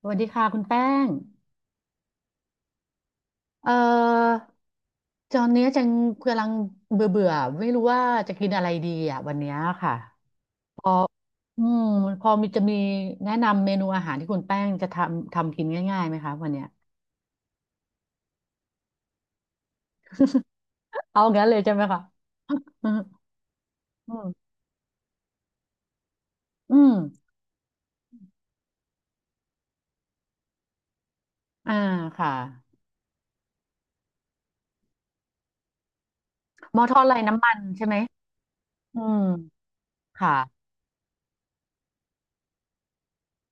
สวัสดีค่ะคุณแป้งเอ่อตอนเนี้ยจังกำลังเบื่อเบื่อไม่รู้ว่าจะกินอะไรดีอ่ะวันเนี้ยค่ะพออืมพอมีจะมีแนะนำเมนูอาหารที่คุณแป้งจะทำกินง่ายๆไหมคะวันเนี้ยเอางั้นเลยใช่ไหมคะอืมอืมอืมอ่าค่ะหม้อทอดไร้น้ำมันใช่ไหมอืมค่ะ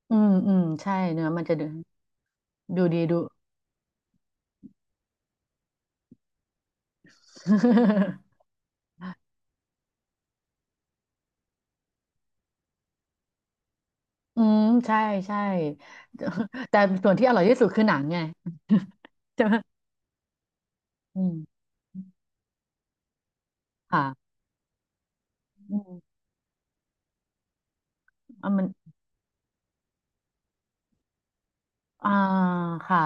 อืมใช่เนื้อมันจะดูดูดีดู อืมใช่ใช่ แต่ส่วนที่อร่อยที่สุดคือหนังไง ใช่ไหมอืมค่ะอืมอ่ะมันอ่าค่ะ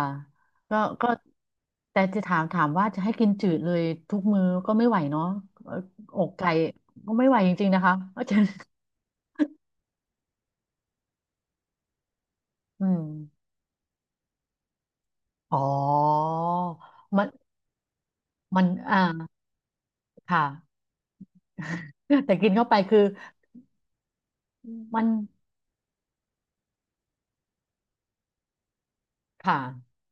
ก็ก็แต่จะถามว่าจะให้กินจืดเลยทุกมื้อก็ไม่ไหวเนาะเอ่ออกไก่ก็ไม่ไหวจริงๆนะคะ อาจารย์อืมอ๋อ มันอ่าค่ะ แต่กินเข้าไปคือมันค่ะ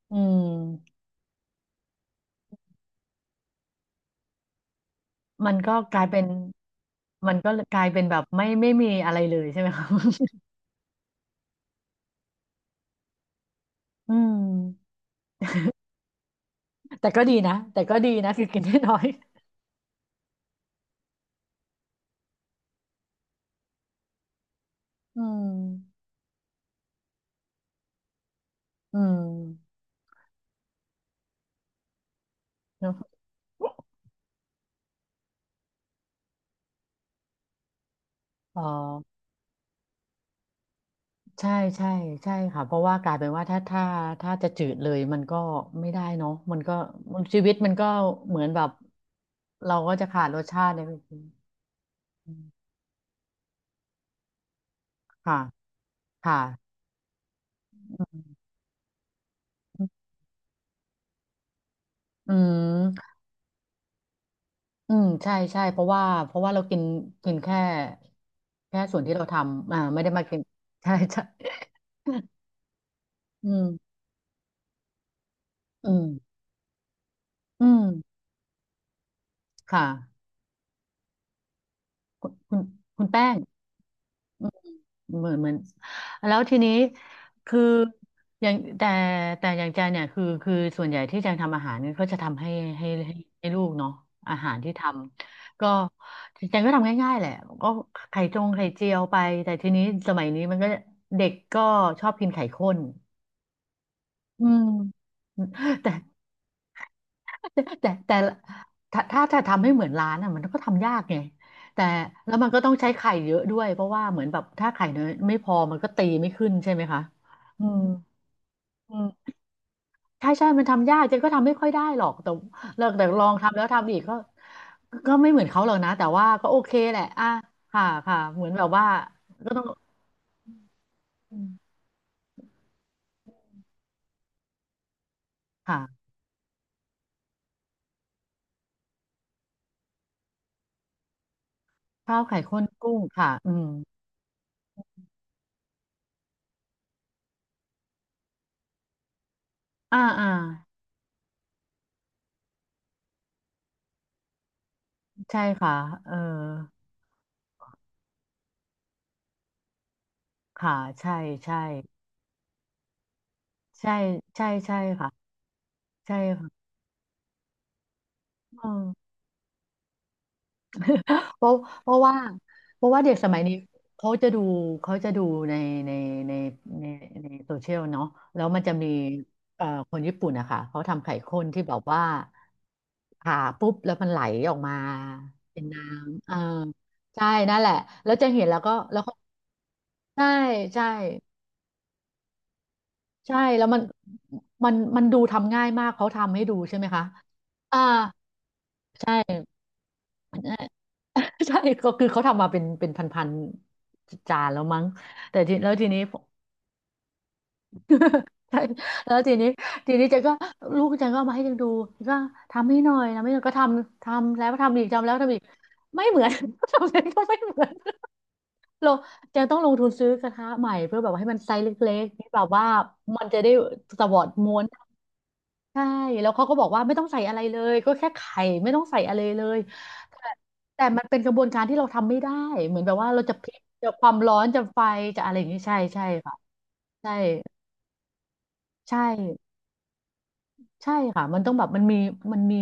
อืม มันก็กลายเป็นมันก็กลายเป็นแบบไม่มีอะไรเลยใช่ไหมครับ อืมแต่ก็ดีนะแต่ก็ดีนะคือกินได้น้อย อืมอืมเนอะอ๋อใช่ใช่ใช่ค่ะเพราะว่ากลายเป็นว่าถ้าจะจืดเลยมันก็ไม่ได้เนาะมันก็ชีวิตมันก็เหมือนแบบเราก็จะขาดรสชาติเลยอืมค่ะค่ะอืม อืมใช่ใช่เพราะว่าเรากินกินแค่แค่ส่วนที่เราทำอ่าไม่ได้มากิน ใช่ใช่อืมอืมอืมค่ะคุณคุณแป้งอืมเหมือนเหมือนแล้วทีนี้คืออย่างแต่อย่างแจเนี่ยคือคือส่วนใหญ่ที่แจงทำอาหารเนี่ยก็จะทำให้ให้ให้ให้ลูกเนาะอาหารที่ทำก็แจงก็ทำง่ายๆแหละก็ไข่จงไข่เจียวไปแต่ทีนี้สมัยนี้มันก็เด็กก็ชอบกินไข่ข้น อืมแต่แต่ถ้าทำให้เหมือนร้านอ่ะมันก็ทำยากไงแต่แล้วมันก็ต้องใช้ไข่เยอะด้วยเพราะว่าเหมือนแบบถ้าไข่เนยไม่พอมันก็ตีไม่ขึ้นใช่ไหมคะอืมอืมใช่ใช่มันทำยากเจนก็ทำไม่ค่อยได้หรอกแต่แล้วแต่ลองทำแล้วทำอีกก็ก็ไม่เหมือนเขาหรอกนะแต่ว่าก็โอเคแหละอ่ะค่ะค่ะเหมือนแบบว่าก็ต้องอืมค่ะข้าวไข่ข้นกุ้งค่ะอืมอ่าอ่าใช่ค่ะเออ ค่ะใช่ใช่ใช่ใช่ใช่ค่ะใช่ค่ะอืมเพราะเพราะว่าเพราะว่าเด็กสมัยนี้เขาจะดูเขาจะดูในในในในในโซเชียลเนาะแล้วมันจะมีคนญี่ปุ่นนะคะเขาทำไข่ข้นที่แบบว่าผ่าปุ๊บแล้วมันไหลออกมาเป็นน้ำเออใช่นั่นแหละแล้วจะเห็นแล้วก็แล้วก็ใช่ใช่ใช่แล้วมันมันมันดูทำง่ายมากเขาทำให้ดูใช่ไหมคะอ่าใช่ ใช่ ใช่ก็คือเขาทำมาเป็นพันๆจานแล้วมั้งแต่ทีแล้วทีนี้ผม ใช่แล้วทีนี้ทีนี้เจนก็ลูกเจนก็เอามาให้เจนดูก็ทำให้หน่อยทำให้หน่อยก็ทำทำแล้วทำอีกทำแล้วทำอีกไม่เหมือน ทำเองก็ไม่เหมือนเราเจนต้องลงทุนซื้อกระทะใหม่เพื่อแบบว่าให้มันไซส์เล็กๆที่แบบว่ามันจะได้สวอดม้วน ใช่แล้วเขาก็บอกว่าไม่ต้องใส่อะไรเลยก็แค่ไข่ไม่ต้องใส่อะไรเลยแต่แต่มันเป็นกระบวนการที่เราทำไม่ได้เหมือนแบบว่าเราจะพลิกจะความร้อนจะไฟจะอะไรอย่างนี้ใช่ใช่ค่ะใช่ใช่ใช่ค่ะมันต้องแบบมันมีมันมี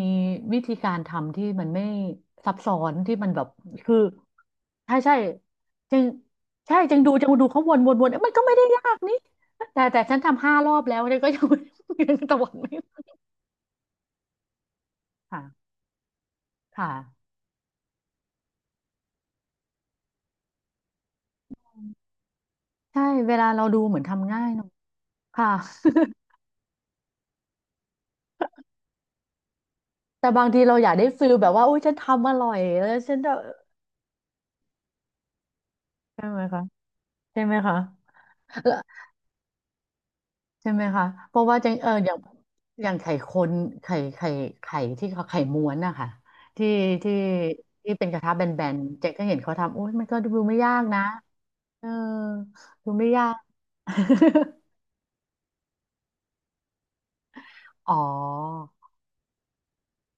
วิธีการทำที่มันไม่ซับซ้อนที่มันแบบคือใช่ใช่จึงใช่จึงจึงดูเขาวนวนวนเอ้ยมันก็ไม่ได้ยากนี่แต่ฉันทำ5 รอบแล้วเนี่ยก็ยัง ยังตะวันไม่มาค่ะค่ะ ใช่เวลาเราดูเหมือนทำง่ายเนอะค่ะแต่บางทีเราอยากได้ฟิลแบบว่าอุ้ยฉันทำอร่อยแล้วฉันจะใช่ไหมคะใช่ไหมคะแล้วใช่ไหมคะเพราะว่าจังเอออย่างอย่างไข่คนไข่ไข่ไข่ที่เขาไข่ม้วนนะคะที่ที่ที่เป็นกระทะแบนๆเจ๊ก็เห็นเขาทำอุ้ยมันก็ดูไม่ยากนะเออดูไม่ยาก อ๋อ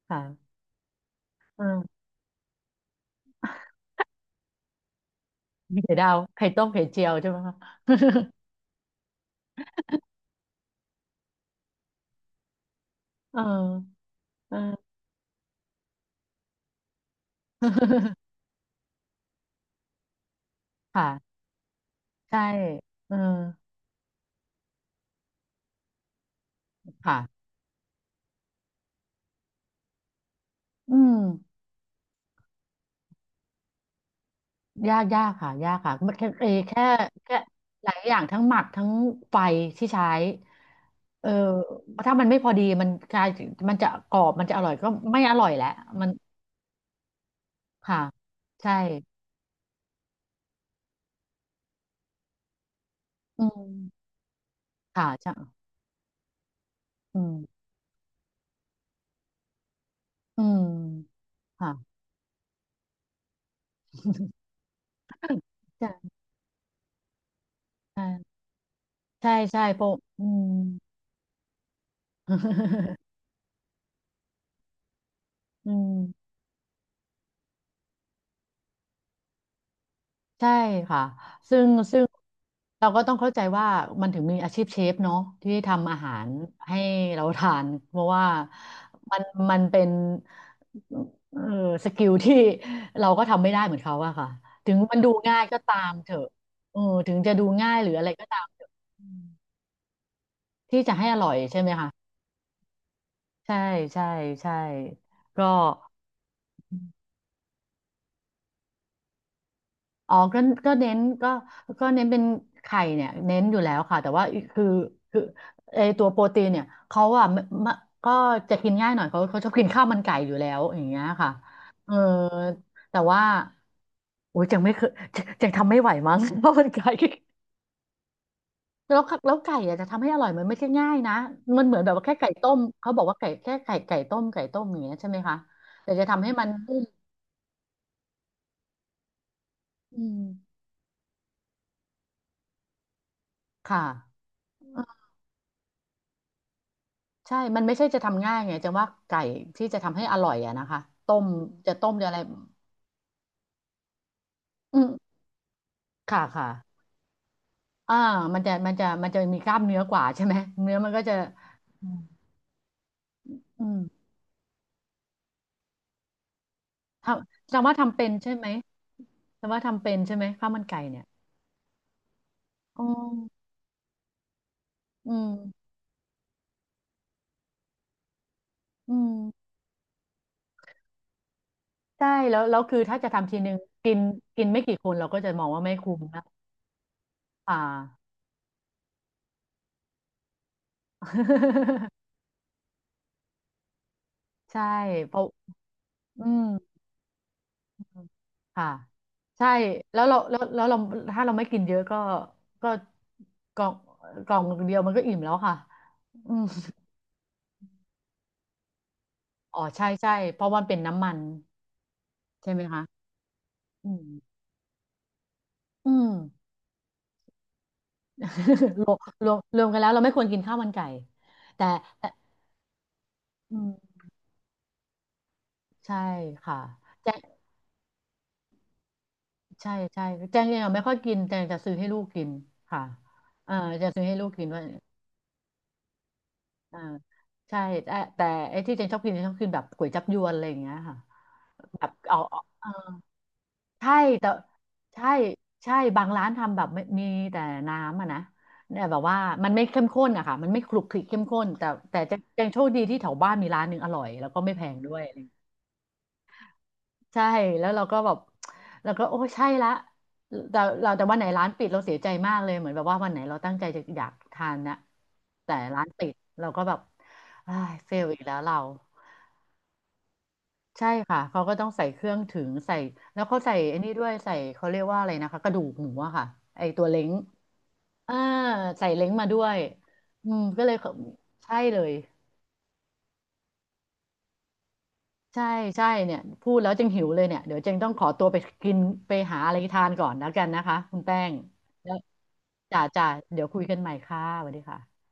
ค่ะเออมีไข่ดาวไข่ต้มไข่เจียวใช่ไหมคะ เออเออ ค่ะ ใช่เออค่ะอืมยากยากค่ะยากค่ะ มันแค่เอแค่แค่หลายอย่างทั้งหมักทั้งไฟที่ใช้เออถ้ามันไม่พอดีมันกลายมันจะกรอบมันจะอร่อยก็ไม่อร่อยแหละมันค่ะใช่อืมค่ะใช่อืมอืมค่ะใช่ใช่ใช่ใช่เพราะอืม อืม ใช่ค่ะซึ่งเราก็ต้องเข้าใจว่ามันถึงมีอาชีพเชฟเนาะที่ทำอาหารให้เราทาน เพราะว่ามันมันเป็นเออสกิลที่เราก็ทำไม่ได้เหมือนเขาอะค่ะถึงมันดูง่ายก็ตามเถอะเออถึงจะดูง่ายหรืออะไรก็ตามเถอะอืมที่จะให้อร่อยใช่ไหมคะใช่ใช่ใช่ก็ อ๋อก็ก็เน้นก็ก็เน้นเป็นไข่เนี่ยเน้นอยู่แล้วค่ะแต่ว่าคือคือไอตัวโปรตีนเนี่ยเขาอะไม่ไม่ก็จะกินง่ายหน่อยเขาชอบกินข้าวมันไก่อยู่แล้วอย่างเงี้ยค่ะเออแต่ว่าโอ้ยยังไม่เคยยังยังทำไม่ไหวมั้ง ข้าวมันไก่แล้วค่ะแล้วไก่อะจะทำให้อร่อยมันไม่ใช่ง่ายนะมันเหมือนแบบว่าแค่ไก่ต้มเขาบอกว่าไก่แค่ไก่ไก่ต้มไก่ต้มอย่างเงี้ยใช่ไหมคะแต่จะทำให้มันนุ่มอืมค่ะ ใช่ มันไม่ใช่จะทำง่ายไงจะว่าไก่ที่จะทำให้อร่อยอะนะคะ ต้มจะต้มจะอะไรอืมค่ะค่ะอ่ามันจะมันจะมันจะมีกล้ามเนื้อกว่าใช่ไหมเนื้อมันก็จะอืมอืมทำจำว่าทำเป็นใช่ไหมจำว่าทำเป็นใช่ไหมข้าวมันไก่เนี่ยอ๋ออืมอืมใช่แล้วคือถ้าจะทำทีนึงกินกินไม่กี่คนเราก็จะมองว่าไม่คุ้มนะอ่า ใช่เพราะอืม ค่ะใช่แล้วเราถ้าเราไม่กินเยอะก็ก็กล่องกล่องเดียวมันก็อิ่มแล้วค่ะอืมอ๋อใช่ใช่เพราะมันเป็นน้ำมันใช่ไหมคะอืมอืม รวมรวมกันแล้วเราไม่ควรกินข้าวมันไก่แต่แต่อืมใช่ค่ะแจงใช่ใช่แจงเองอะไม่ค่อยกินแจงจะซื้อให้ลูกกินค่ะเอ่าจะซื้อให้ลูกกินว่าอ่าใช่แต่แต่ไอ้ที่แจงชอบกินแจงชอบกินแบบก๋วยจั๊บยวนอะไรอย่างเงี้ยค่ะ แบบเอาอใช่แต่ใช่ใช่บางร้านทำแบบไม่มีแต่น้ำอะนะเนี่ยแบบว่ามันไม่เข้มข้นอะค่ะมันไม่คลุกคลิกเข้มข้นแต่แต่จะยังโชคดีที่แถวบ้านมีร้านหนึ่งอร่อยแล้วก็ไม่แพงด้วยงยใช่แล้วเราก็แบบเราก็โอ้ใช่ละแต่เราแต่วันไหนร้านปิดเราเสียใจมากเลยเหมือนแบบว่าวันไหนเราตั้งใจจะอยากทานนะแต่ร้านปิดเราก็แบบเฟลอีกแล้วเรา ใช่ค่ะเขาก็ต้องใส่เครื่องถึงใส่แล้วเขาใส่ไอ้นี้ด้วยใส่เขาเรียกว่าอะไรนะคะกระดูกหมูอะค่ะไอตัวเล้งอ่าใส่เล้งมาด้วยอืมก็เลยเขาใช่เลยใช่ใช่เนี่ยพูดแล้วจึงหิวเลยเนี่ยเดี๋ยวจึงต้องขอตัวไปกินไปหาอะไรทานก่อนแล้วกันนะคะคุณแป้งแล้วจ่าจ่าเดี๋ยวคุยกันใหม่ค่ะสวัสดีค่ะ